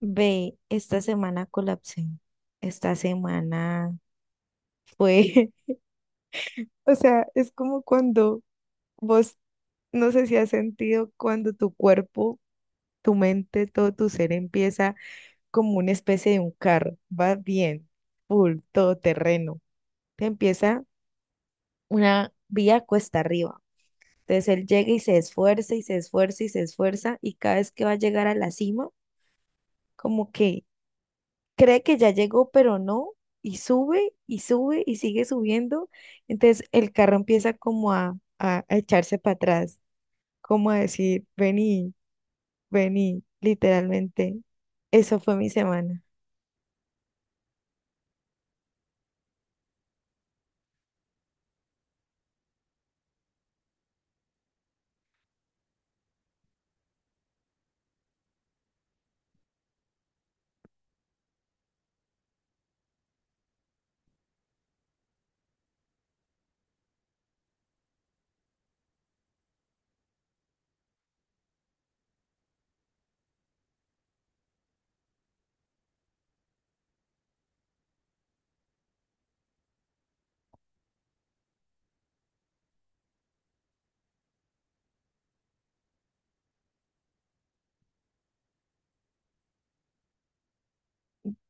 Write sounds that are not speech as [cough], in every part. Ve, esta semana colapsé. Esta semana fue, [laughs] o sea, es como cuando vos, no sé si has sentido cuando tu cuerpo, tu mente, todo tu ser empieza como una especie de un carro, va bien, full, todoterreno. Te empieza una vía cuesta arriba. Entonces él llega y se esfuerza y se esfuerza y se esfuerza y cada vez que va a llegar a la cima, como que cree que ya llegó, pero no, y sube y sube y sigue subiendo. Entonces el carro empieza como a echarse para atrás, como a decir, vení, vení, literalmente. Eso fue mi semana.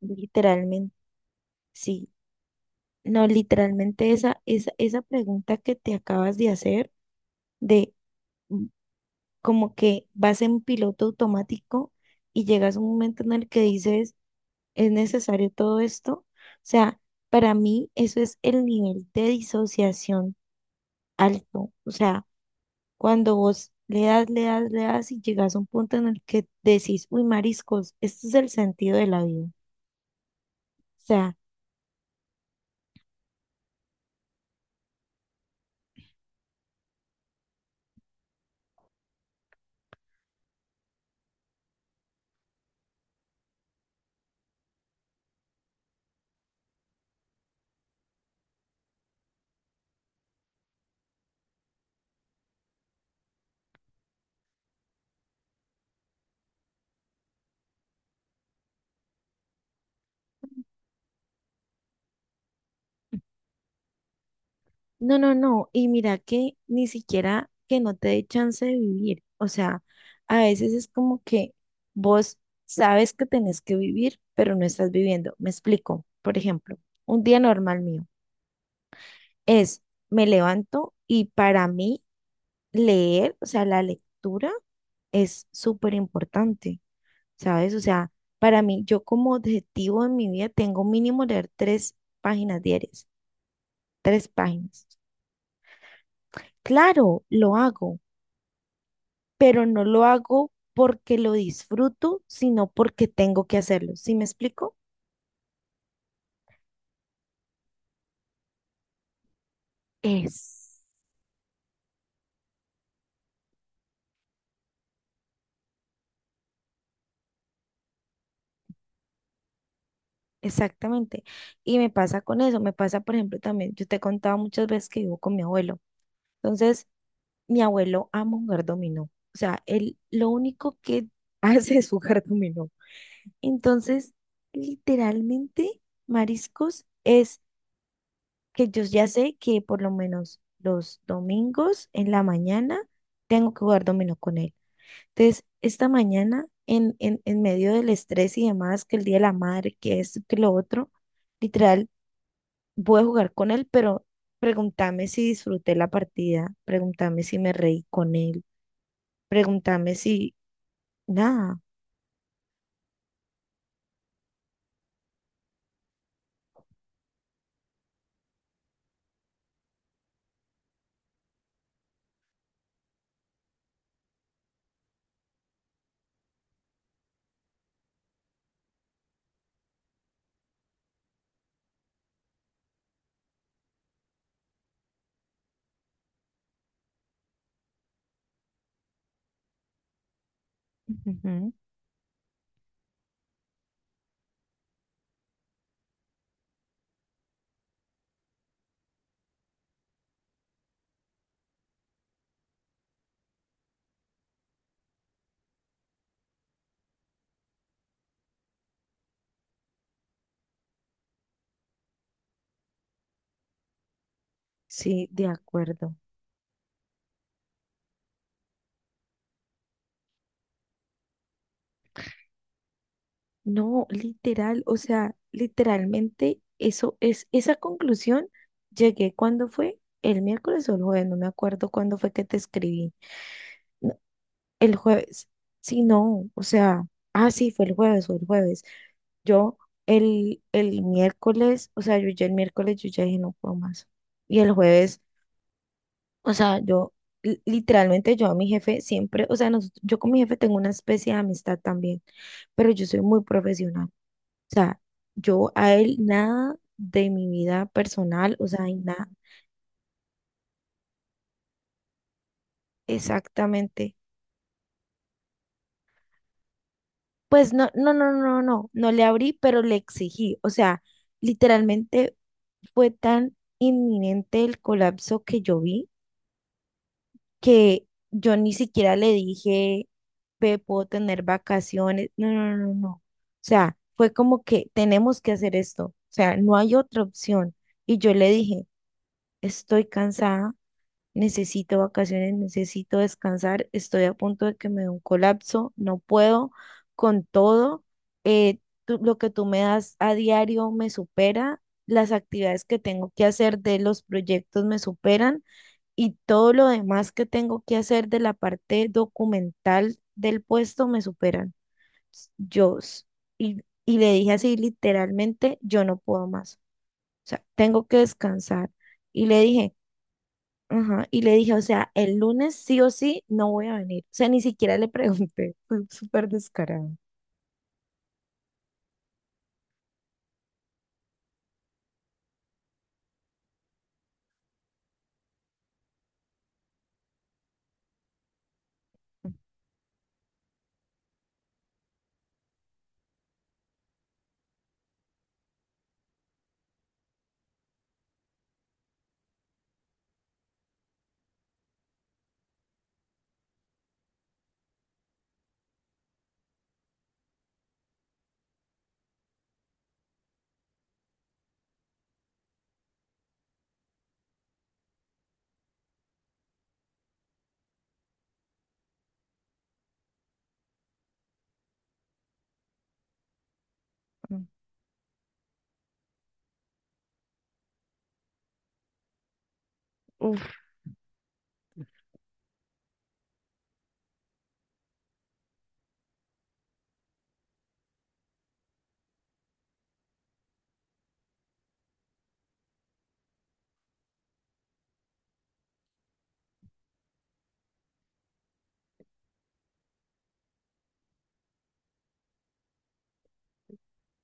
Literalmente, sí. No, literalmente esa pregunta que te acabas de hacer, de mm, como que vas en piloto automático y llegas a un momento en el que dices, ¿es necesario todo esto? O sea, para mí eso es el nivel de disociación alto. O sea, cuando vos le das, le das, le das y llegas a un punto en el que decís, uy, mariscos, ¿este es el sentido de la vida? O sea, no, no, no. Y mira que ni siquiera que no te dé chance de vivir. O sea, a veces es como que vos sabes que tenés que vivir, pero no estás viviendo. Me explico. Por ejemplo, un día normal mío es, me levanto y para mí leer, o sea, la lectura es súper importante, ¿sabes? O sea, para mí, yo como objetivo en mi vida tengo mínimo leer tres páginas diarias, tres páginas. Claro, lo hago, pero no lo hago porque lo disfruto, sino porque tengo que hacerlo. ¿Sí me explico? Es. Exactamente. Y me pasa con eso, me pasa, por ejemplo, también, yo te he contado muchas veces que vivo con mi abuelo. Entonces, mi abuelo ama jugar dominó. O sea, él lo único que [laughs] hace es jugar dominó. Entonces, literalmente, mariscos es que yo ya sé que por lo menos los domingos en la mañana tengo que jugar dominó con él. Entonces, esta mañana, en medio del estrés y demás, que el Día de la Madre, que esto, que lo otro, literal, voy a jugar con él, pero pregúntame si disfruté la partida, pregúntame si me reí con él. Pregúntame si, nada. Ujú. Sí, de acuerdo. No, literal, o sea, literalmente eso es, esa conclusión llegué cuando fue el miércoles o el jueves, no me acuerdo cuándo fue que te escribí. No, el jueves, sí, no, o sea, ah, sí, fue el jueves o el jueves. Yo el miércoles, o sea, yo ya el miércoles yo ya dije no puedo más. Y el jueves, o sea, yo literalmente yo a mi jefe siempre, o sea, yo con mi jefe tengo una especie de amistad también, pero yo soy muy profesional. O sea, yo a él nada de mi vida personal, o sea, y nada exactamente. Pues no, no, no, no, no, no le abrí, pero le exigí. O sea, literalmente fue tan inminente el colapso que yo vi que yo ni siquiera le dije, ve, puedo tener vacaciones. No, no, no, no. O sea, fue como que tenemos que hacer esto. O sea, no hay otra opción. Y yo le dije, estoy cansada, necesito vacaciones, necesito descansar, estoy a punto de que me dé un colapso, no puedo con todo. eh, tú- lo que tú me das a diario me supera, las actividades que tengo que hacer de los proyectos me superan y todo lo demás que tengo que hacer de la parte documental del puesto me superan. Yo, s- y le dije así literalmente, yo no puedo más. O sea, tengo que descansar. Y le dije, ajá, y le dije, o sea, el lunes sí o sí no voy a venir. O sea, ni siquiera le pregunté. [laughs] Fue súper descarado. Mm. Uf.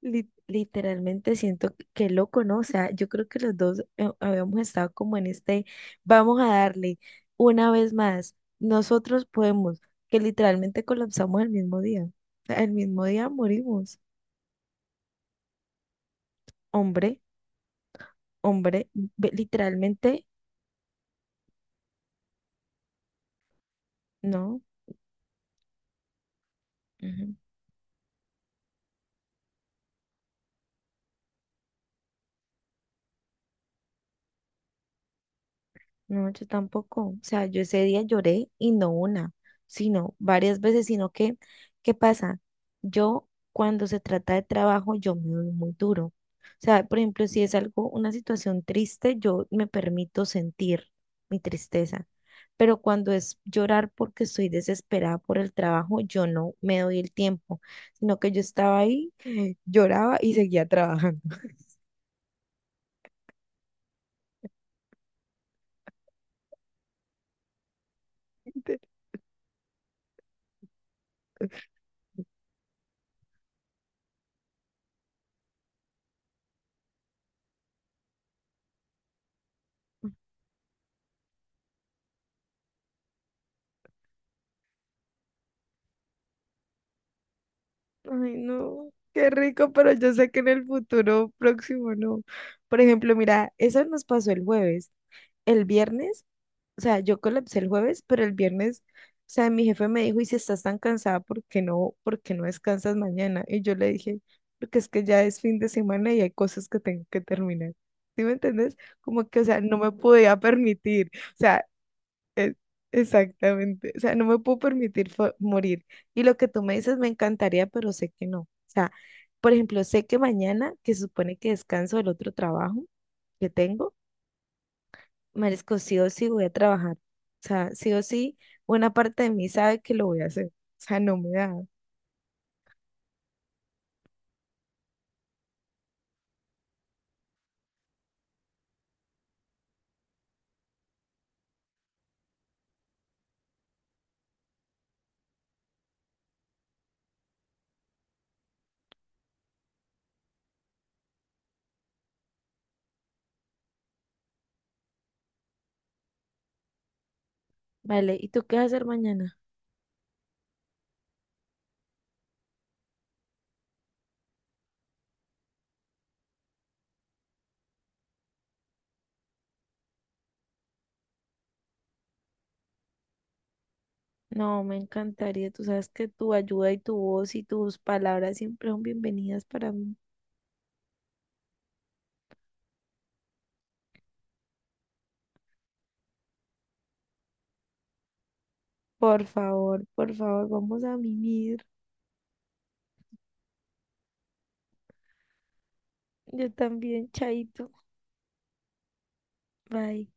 Literalmente siento que qué loco, ¿no? O sea, yo creo que los dos habíamos estado como en este, vamos a darle una vez más, nosotros podemos, que literalmente colapsamos el mismo día. O sea, el mismo día morimos. Hombre, hombre, literalmente, no. No, yo tampoco. O sea, yo ese día lloré y no una, sino varias veces, sino que, ¿qué pasa? Yo cuando se trata de trabajo, yo me doy muy duro. O sea, por ejemplo, si es algo, una situación triste, yo me permito sentir mi tristeza. Pero cuando es llorar porque estoy desesperada por el trabajo, yo no me doy el tiempo, sino que yo estaba ahí, [gasps] [laughs] lloraba y seguía trabajando. [laughs] Ay, no, qué rico, pero yo sé que en el futuro próximo no. Por ejemplo, mira, eso nos pasó el jueves. El viernes, o sea, yo colapsé el jueves, pero el viernes, o sea, mi jefe me dijo, y si estás tan cansada, por qué no descansas mañana? Y yo le dije, porque es que ya es fin de semana y hay cosas que tengo que terminar. ¿Sí me entiendes? Como que, o sea, no me podía permitir. O sea, e- Exactamente. O sea, no me puedo permitir fo- morir. Y lo que tú me dices me encantaría, pero sé que no. O sea, por ejemplo, sé que mañana, que se supone que descanso del otro trabajo que tengo, merezco sí o sí voy a trabajar. O sea, sí o sí, buena parte de mí sabe que lo voy a hacer. O sea, no me da. Vale, ¿y tú qué vas a hacer mañana? No, me encantaría. Tú sabes que tu ayuda y tu voz y tus palabras siempre son bienvenidas para mí. Por favor, vamos a mimir. Yo también, chaito. Bye.